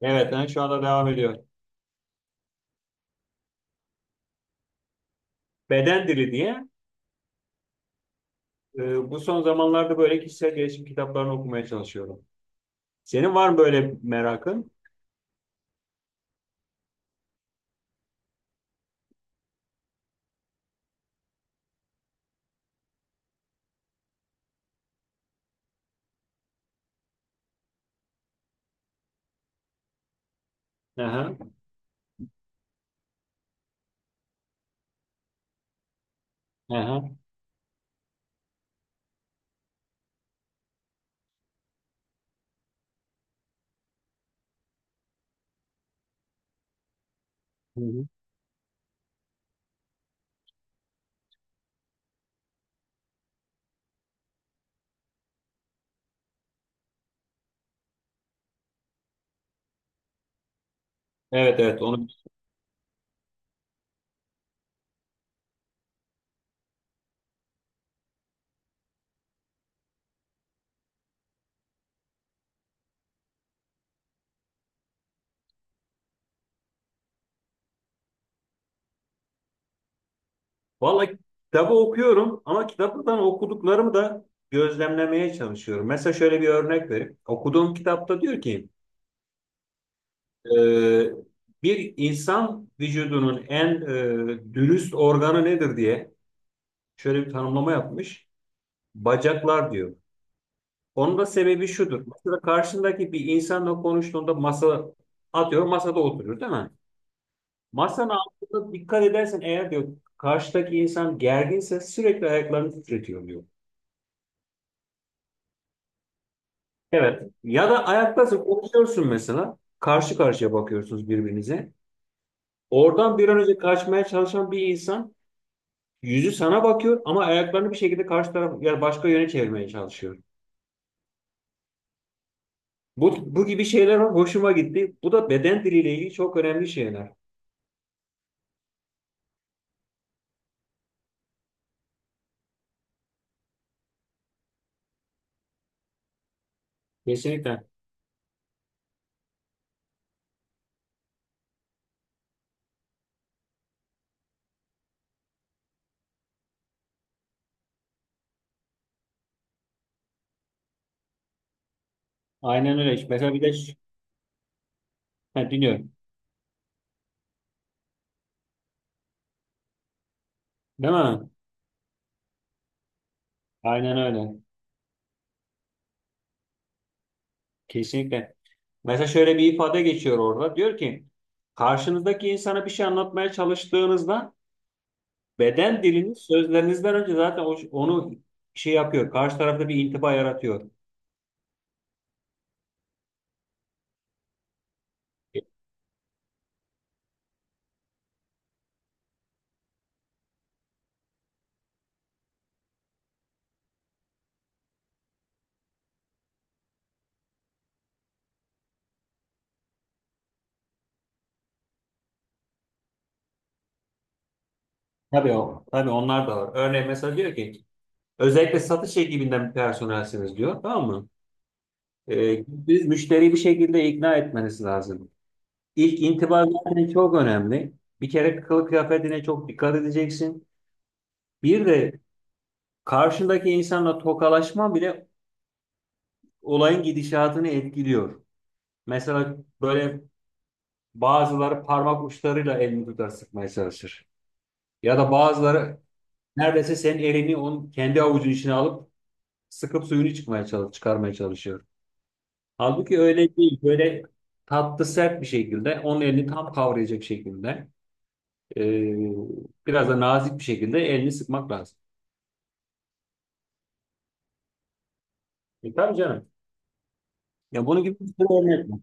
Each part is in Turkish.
Evet, yani şu anda devam ediyor. Beden dili diye bu son zamanlarda böyle kişisel gelişim kitaplarını okumaya çalışıyorum. Senin var mı böyle merakın? Aha, aha. Hı hı. Evet evet onu. Vallahi kitabı okuyorum ama kitaptan okuduklarımı da gözlemlemeye çalışıyorum. Mesela şöyle bir örnek vereyim. Okuduğum kitapta diyor ki e, bir insan vücudunun en dürüst organı nedir diye şöyle bir tanımlama yapmış. Bacaklar diyor. Onun da sebebi şudur. Mesela karşındaki bir insanla konuştuğunda masa atıyorum masada oturur değil mi? Masanın altında dikkat edersen eğer diyor karşıdaki insan gerginse sürekli ayaklarını titretiyor diyor. Evet. Ya da ayaktasın konuşuyorsun mesela. Karşı karşıya bakıyorsunuz birbirinize. Oradan bir an önce kaçmaya çalışan bir insan yüzü sana bakıyor ama ayaklarını bir şekilde karşı taraf yani başka yöne çevirmeye çalışıyor. Bu gibi şeyler hoşuma gitti. Bu da beden diliyle ilgili çok önemli şeyler. Kesinlikle. Aynen öyle. Mesela bir de ha, dinliyorum. Değil mi? Aynen öyle. Kesinlikle. Mesela şöyle bir ifade geçiyor orada. Diyor ki karşınızdaki insana bir şey anlatmaya çalıştığınızda beden diliniz sözlerinizden önce zaten onu şey yapıyor. Karşı tarafta bir intiba yaratıyor. E, Tabii o. Tabii onlar da var. Örneğin mesela diyor ki özellikle satış ekibinden bir personelsiniz diyor. Tamam mı? Biz müşteriyi bir şekilde ikna etmeniz lazım. İlk intiba zaten çok önemli. Bir kere kılık kıyafetine çok dikkat edeceksin. Bir de karşındaki insanla tokalaşma bile olayın gidişatını etkiliyor. Mesela böyle bazıları parmak uçlarıyla elini tutar sıkmaya çalışır. Ya da bazıları neredeyse senin elini onun kendi avucun içine alıp sıkıp suyunu çıkmaya çalış çıkarmaya çalışıyor. Halbuki öyle değil. Böyle tatlı sert bir şekilde onun elini tam kavrayacak şekilde. Ee, biraz da nazik bir şekilde elini sıkmak lazım. Tabii canım. Ya bunun gibi bir sürü örnek var.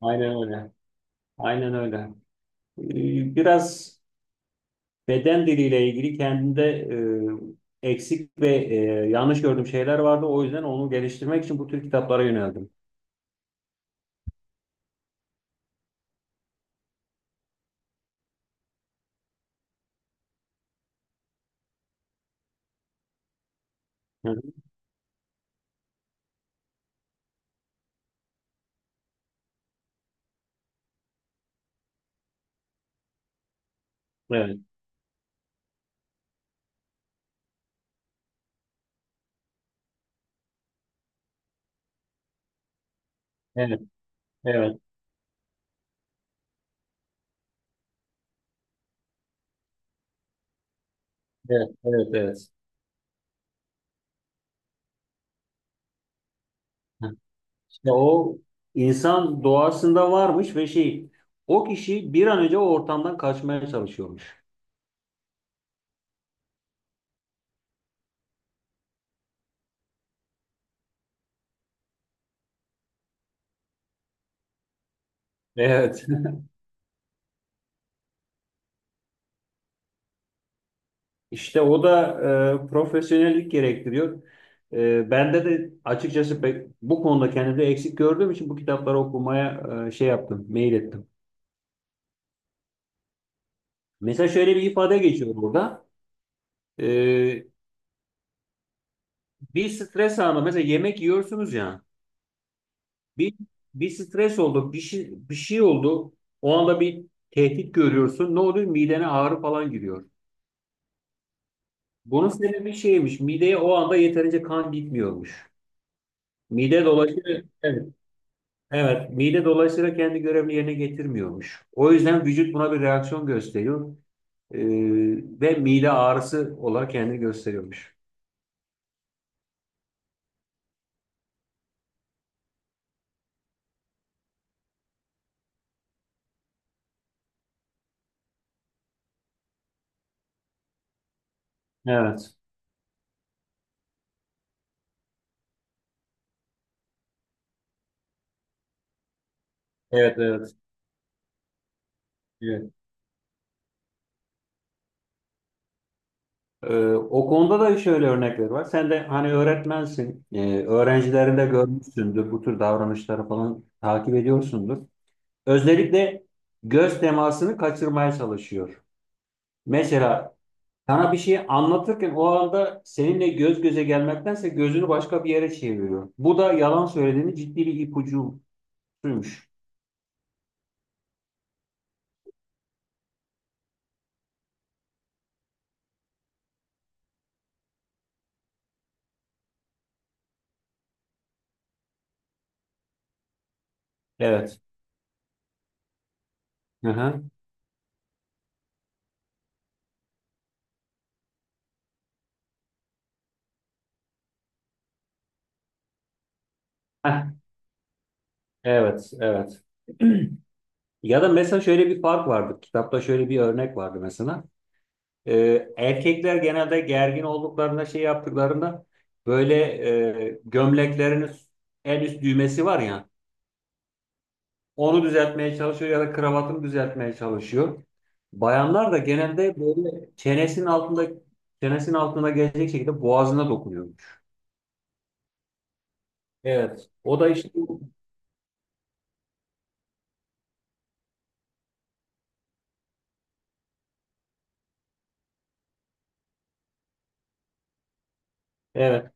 Aynen öyle. Aynen öyle. Biraz beden diliyle ilgili kendinde eksik ve yanlış gördüğüm şeyler vardı. O yüzden onu geliştirmek için bu tür kitaplara yöneldim. Hı hı. Evet, evet, evet, evet, evet, evet. Hı. İşte o insan doğasında varmış ve şey, o kişi bir an önce o ortamdan kaçmaya çalışıyormuş. Evet. İşte o da profesyonellik gerektiriyor. Bende de açıkçası pek, bu konuda kendimde eksik gördüğüm için bu kitapları okumaya şey yaptım, mail ettim. Mesela şöyle bir ifade geçiyor burada. E, bir stres anı, mesela yemek yiyorsunuz ya. Bir bir stres oldu, bir şey oldu. O anda bir tehdit görüyorsun. Ne oluyor? Midene ağrı falan giriyor. Bunun sebebi şeymiş, mideye o anda yeterince kan gitmiyormuş. Mide dolaşıyor. Evet, mide dolayısıyla kendi görevini yerine getirmiyormuş. O yüzden vücut buna bir reaksiyon gösteriyor e, ve mide ağrısı olarak kendini gösteriyormuş. Evet, evet, evet. evet. O konuda da şöyle örnekler var. Sen de hani öğretmensin, öğrencilerinde görmüşsündür, bu tür davranışları falan takip ediyorsundur. Özellikle göz temasını kaçırmaya çalışıyor. Mesela sana bir şey anlatırken o anda seninle göz göze gelmektense gözünü başka bir yere çeviriyor. Bu da yalan söylediğini ciddi bir ipucuymuş. Evet. Hı hı. Heh, evet, evet. Ya da mesela şöyle bir fark vardı. Kitapta şöyle bir örnek vardı mesela. Erkekler genelde gergin olduklarında şey yaptıklarında böyle gömleklerinin en üst düğmesi var ya. Onu düzeltmeye çalışıyor ya da kravatını düzeltmeye çalışıyor. Bayanlar da genelde böyle çenesinin altına gelecek şekilde boğazına dokunuyormuş. Evet. O da işte evet,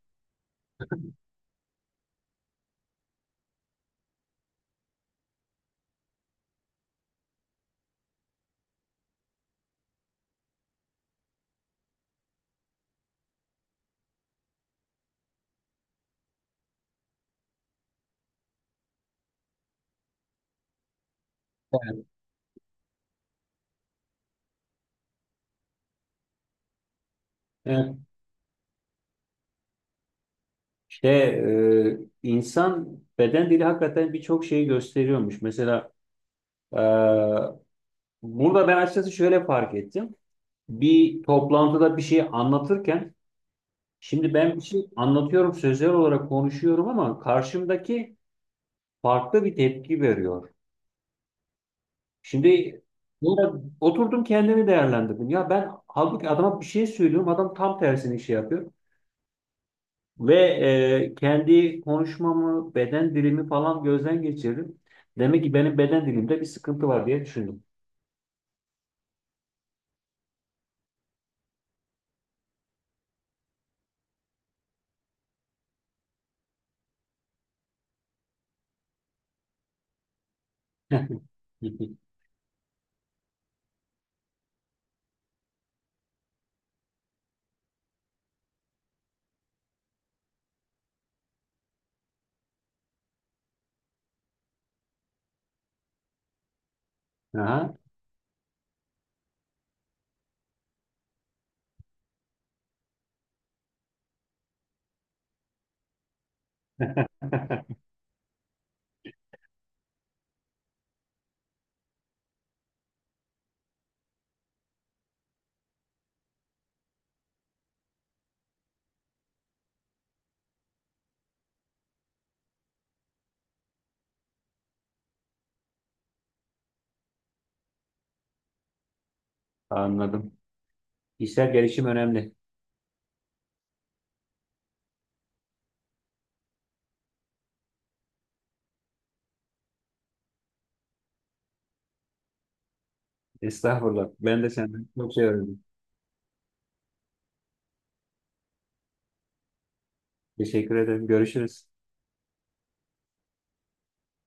evet, evet. İşte insan beden dili hakikaten birçok şeyi gösteriyormuş. Mesela e, burada ben açıkçası şöyle fark ettim. Bir toplantıda bir şey anlatırken şimdi ben bir şey anlatıyorum, sözler olarak konuşuyorum ama karşımdaki farklı bir tepki veriyor. Şimdi burada oturdum kendimi değerlendirdim. Ya ben halbuki adama bir şey söylüyorum. Adam tam tersini şey yapıyor. Ve Kendi konuşmamı, beden dilimi falan gözden geçirdim. Demek ki benim beden dilimde bir sıkıntı var diye düşündüm. Aha, anladım. Kişisel gelişim önemli. Estağfurullah. Ben de senden çok şey öğrendim. Teşekkür ederim. Görüşürüz.